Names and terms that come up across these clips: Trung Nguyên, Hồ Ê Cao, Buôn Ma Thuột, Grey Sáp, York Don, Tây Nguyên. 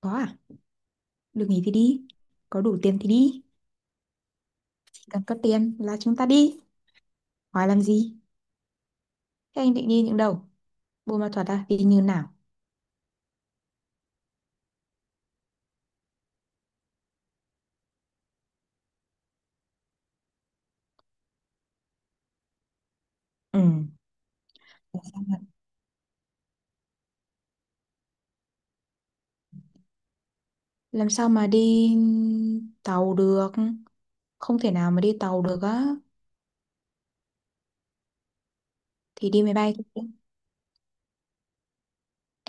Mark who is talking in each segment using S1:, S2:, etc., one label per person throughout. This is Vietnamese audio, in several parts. S1: Có à? Được nghỉ thì đi. Có đủ tiền thì đi. Chỉ cần có tiền là chúng ta đi. Hỏi làm gì? Thế anh định đi những đâu? Buôn Ma Thuột à? Đi như nào? Ừ. Làm sao mà làm sao mà đi tàu được? Không thể nào mà đi tàu được á. Thì đi máy bay thôi.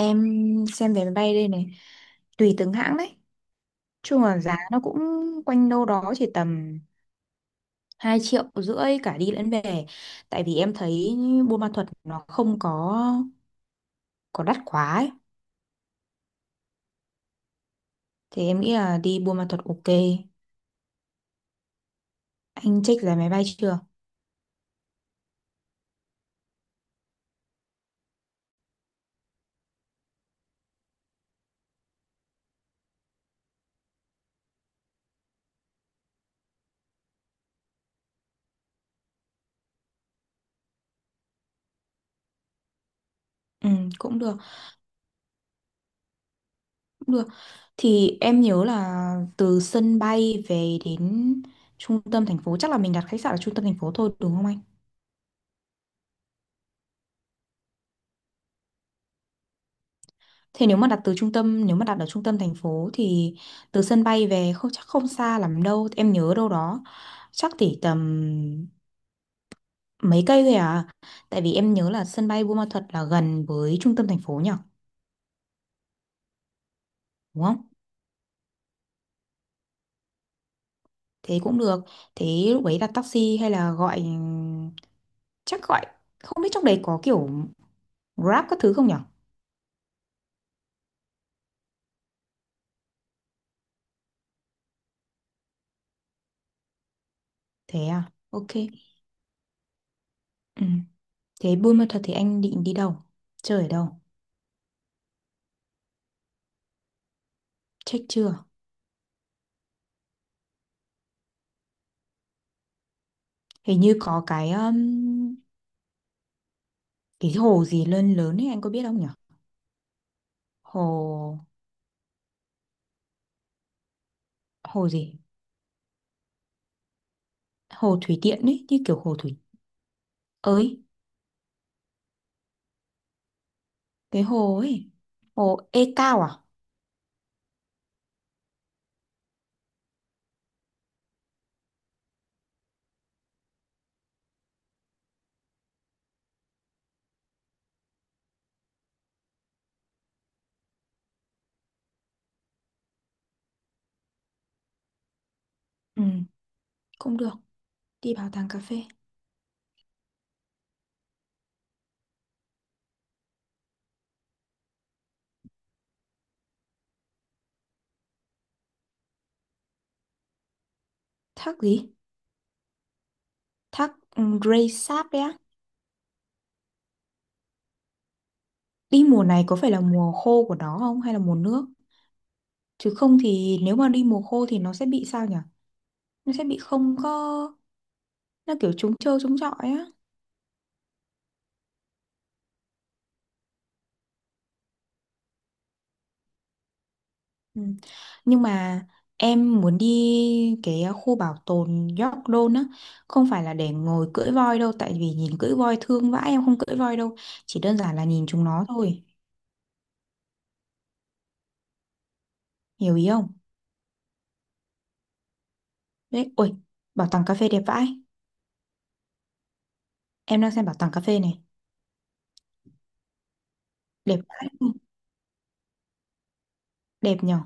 S1: Em xem vé máy bay đây này. Tùy từng hãng đấy. Chung là giá nó cũng quanh đâu đó chỉ tầm 2,5 triệu cả đi lẫn về. Tại vì em thấy Buôn Ma Thuột nó không có đắt quá ấy. Thì em nghĩ là đi Buôn Ma Thuột ok. Anh check giá máy bay chưa? Ừ, cũng được, cũng được. Thì em nhớ là từ sân bay về đến trung tâm thành phố, chắc là mình đặt khách sạn ở trung tâm thành phố thôi đúng không anh? Thế nếu mà đặt từ trung tâm, nếu mà đặt ở trung tâm thành phố thì từ sân bay về không chắc không xa lắm đâu. Em nhớ đâu đó chắc chỉ tầm mấy cây thôi à. Tại vì em nhớ là sân bay Buôn Ma Thuột là gần với trung tâm thành phố nhỉ? Đúng không? Thế cũng được. Thế lúc ấy đặt taxi hay là gọi, chắc gọi, không biết trong đấy có kiểu Grab các thứ không nhở? Thế à? Ok, ừ. Thế Buôn Ma Thuột thì anh định đi đâu, chơi ở đâu, check chưa? Hình như có cái hồ gì lớn lớn ấy anh có biết không nhở? Hồ hồ gì? Hồ thủy điện ấy, như kiểu hồ thủy. Ơi, cái hồ ấy, hồ Ê Cao à? Ừ, cũng được, đi bảo tàng cà phê. Thác gì? Thác, Grey Sáp đấy á. Đi mùa này có phải là mùa khô của nó không hay là mùa nước? Chứ không thì nếu mà đi mùa khô thì nó sẽ bị sao nhỉ? Nó sẽ bị không có, nó kiểu trống trơ trống trọi á. Ừ. Nhưng mà em muốn đi cái khu bảo tồn York Don á, không phải là để ngồi cưỡi voi đâu, tại vì nhìn cưỡi voi thương vãi, em không cưỡi voi đâu, chỉ đơn giản là nhìn chúng nó thôi. Hiểu ý không? Đấy, ôi, bảo tàng cà phê đẹp vãi. Em đang xem bảo tàng cà phê này, đẹp vãi, đẹp nhở.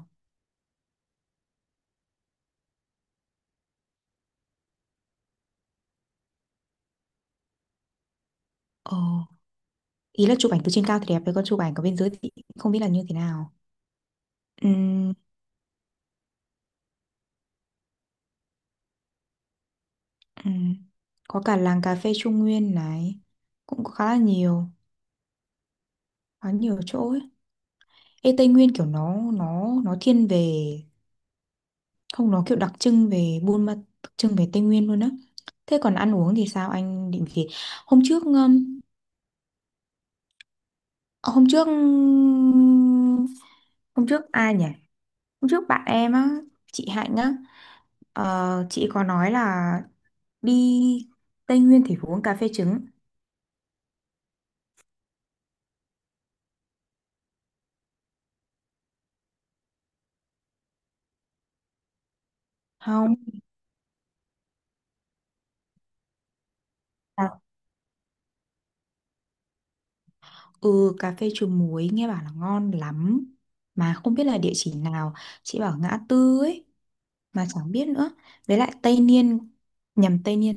S1: Ờ, ý là chụp ảnh từ trên cao thì đẹp, với con chụp ảnh ở bên dưới thì không biết là như thế nào. Ừm, ừm, có cả làng cà phê Trung Nguyên này, cũng có khá là nhiều, khá nhiều chỗ ấy. Ê, Tây Nguyên kiểu nó thiên về, không, nó kiểu đặc trưng về Buôn Ma, đặc trưng về Tây Nguyên luôn á. Thế còn ăn uống thì sao, anh định gì? Hôm trước um, hôm trước hôm trước ai nhỉ? Hôm trước bạn em á, chị Hạnh á. Ờ, chị có nói là đi Tây Nguyên thì phải uống cà phê trứng. Không. À, ừ, cà phê trứng muối nghe bảo là ngon lắm, mà không biết là địa chỉ nào. Chị bảo ngã tư ấy, mà chẳng biết nữa. Với lại Tây Niên, nhầm, Tây Niên,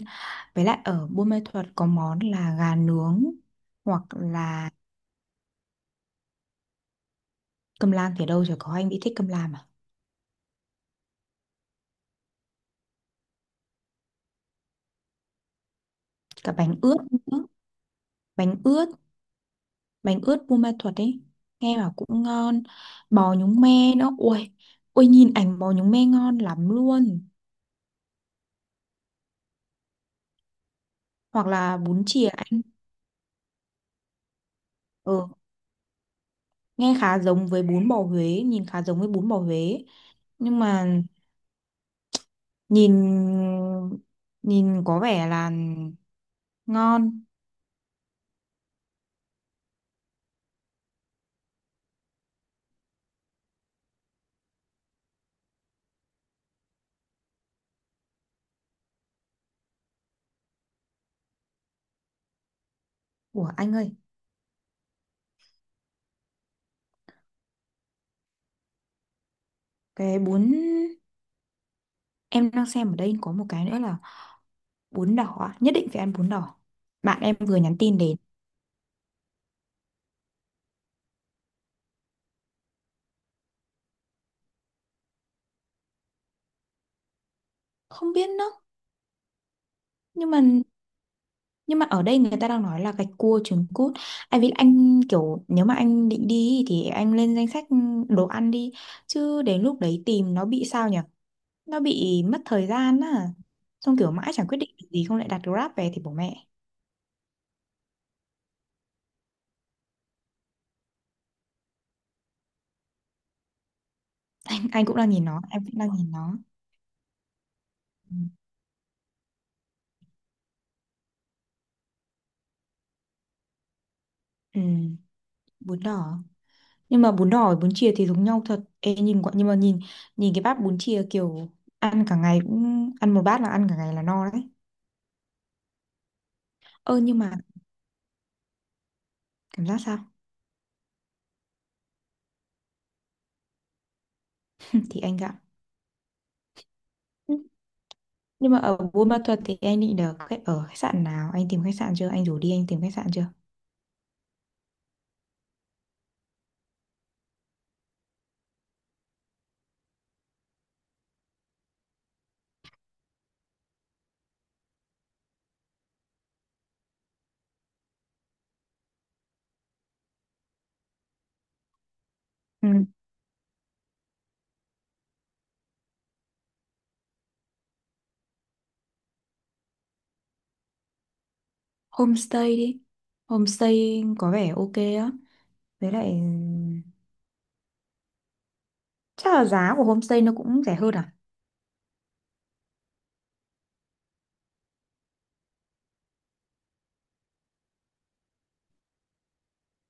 S1: với lại ở Buôn Ma Thuột có món là gà nướng, hoặc là cơm lam thì đâu rồi, có anh bị thích cơm lam à? Cả bánh ướt nữa, bánh ướt, bánh ướt Buôn Ma Thuột ấy, nghe bảo cũng ngon. Bò nhúng me nữa, ui ui, nhìn ảnh bò nhúng me ngon lắm luôn. Hoặc là bún chìa anh. Ừ, nghe khá giống với bún bò Huế, nhìn khá giống với bún bò Huế, nhưng mà nhìn, nhìn có vẻ là ngon, của anh ơi, cái bún em đang xem ở đây có một cái nữa là bún đỏ á, nhất định phải ăn bún đỏ. Bạn em vừa nhắn tin đến. Không biết nữa, nhưng mà nhưng mà ở đây người ta đang nói là gạch cua trứng cút. Anh biết, anh kiểu nếu mà anh định đi thì anh lên danh sách đồ ăn đi, chứ đến lúc đấy tìm nó bị sao nhỉ, nó bị mất thời gian á, xong kiểu mãi chẳng quyết định được gì, không lại đặt Grab về thì bố mẹ. Anh cũng đang nhìn nó, em cũng đang nhìn nó. Ừ. Ừ, bún đỏ, nhưng mà bún đỏ với bún chìa thì giống nhau thật. Ê, nhìn nhưng mà nhìn, nhìn cái bát bún chia kiểu ăn cả ngày, cũng ăn một bát là ăn cả ngày là no đấy. Ơ nhưng mà, cảm giác sao? Ừ, thì anh gạo. Ừ, nhưng mà ở Buôn Ma Thuột thì anh định được khách ở khách sạn nào, anh tìm khách sạn chưa, anh rủ đi anh tìm khách sạn chưa? Ừ. Homestay đi, homestay có vẻ ok á, với lại chắc là giá của homestay nó cũng rẻ hơn à.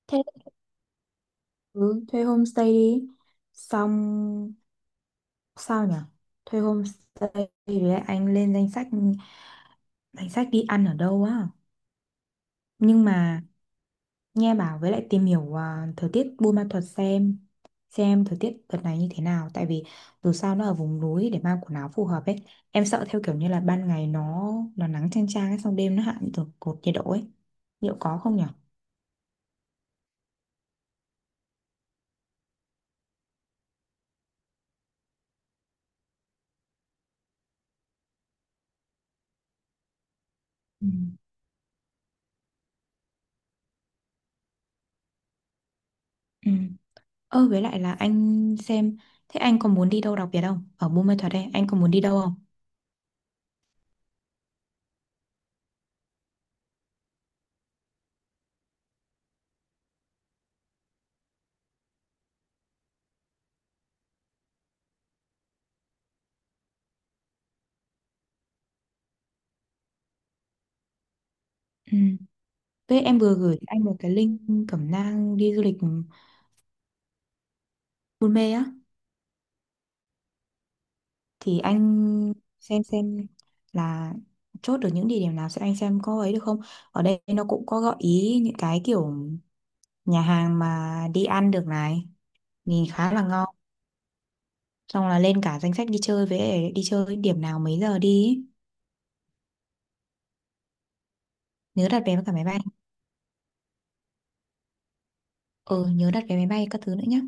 S1: Thế ừ, thuê homestay đi, xong sao nhỉ, thuê homestay, với lại anh lên danh sách, danh sách đi ăn ở đâu á. Nhưng mà nghe bảo, với lại tìm hiểu thời tiết Buôn Ma Thuột, xem thời tiết đợt này như thế nào, tại vì dù sao nó ở vùng núi, để mang quần áo phù hợp ấy. Em sợ theo kiểu như là ban ngày nó nắng chang chang ấy, xong đêm nó hạ như từ cột nhiệt độ ấy, liệu có không nhỉ? Ừ. Ừ. Ơ với lại là anh xem, thế anh còn muốn đi đâu đặc biệt không? Ở Buôn Ma Thuột đây, anh còn muốn đi đâu không? Ừ. Với em vừa gửi anh một cái link cẩm nang đi du lịch Buôn Mê á. Thì anh xem là chốt được những địa điểm nào. Sẽ anh xem có ấy được không? Ở đây nó cũng có gợi ý những cái kiểu nhà hàng mà đi ăn được này, nhìn khá là ngon. Xong là lên cả danh sách đi chơi, với đi chơi điểm nào mấy giờ đi ý. Nhớ đặt vé với cả máy bay. Ừ, nhớ đặt vé máy bay các thứ nữa nhá.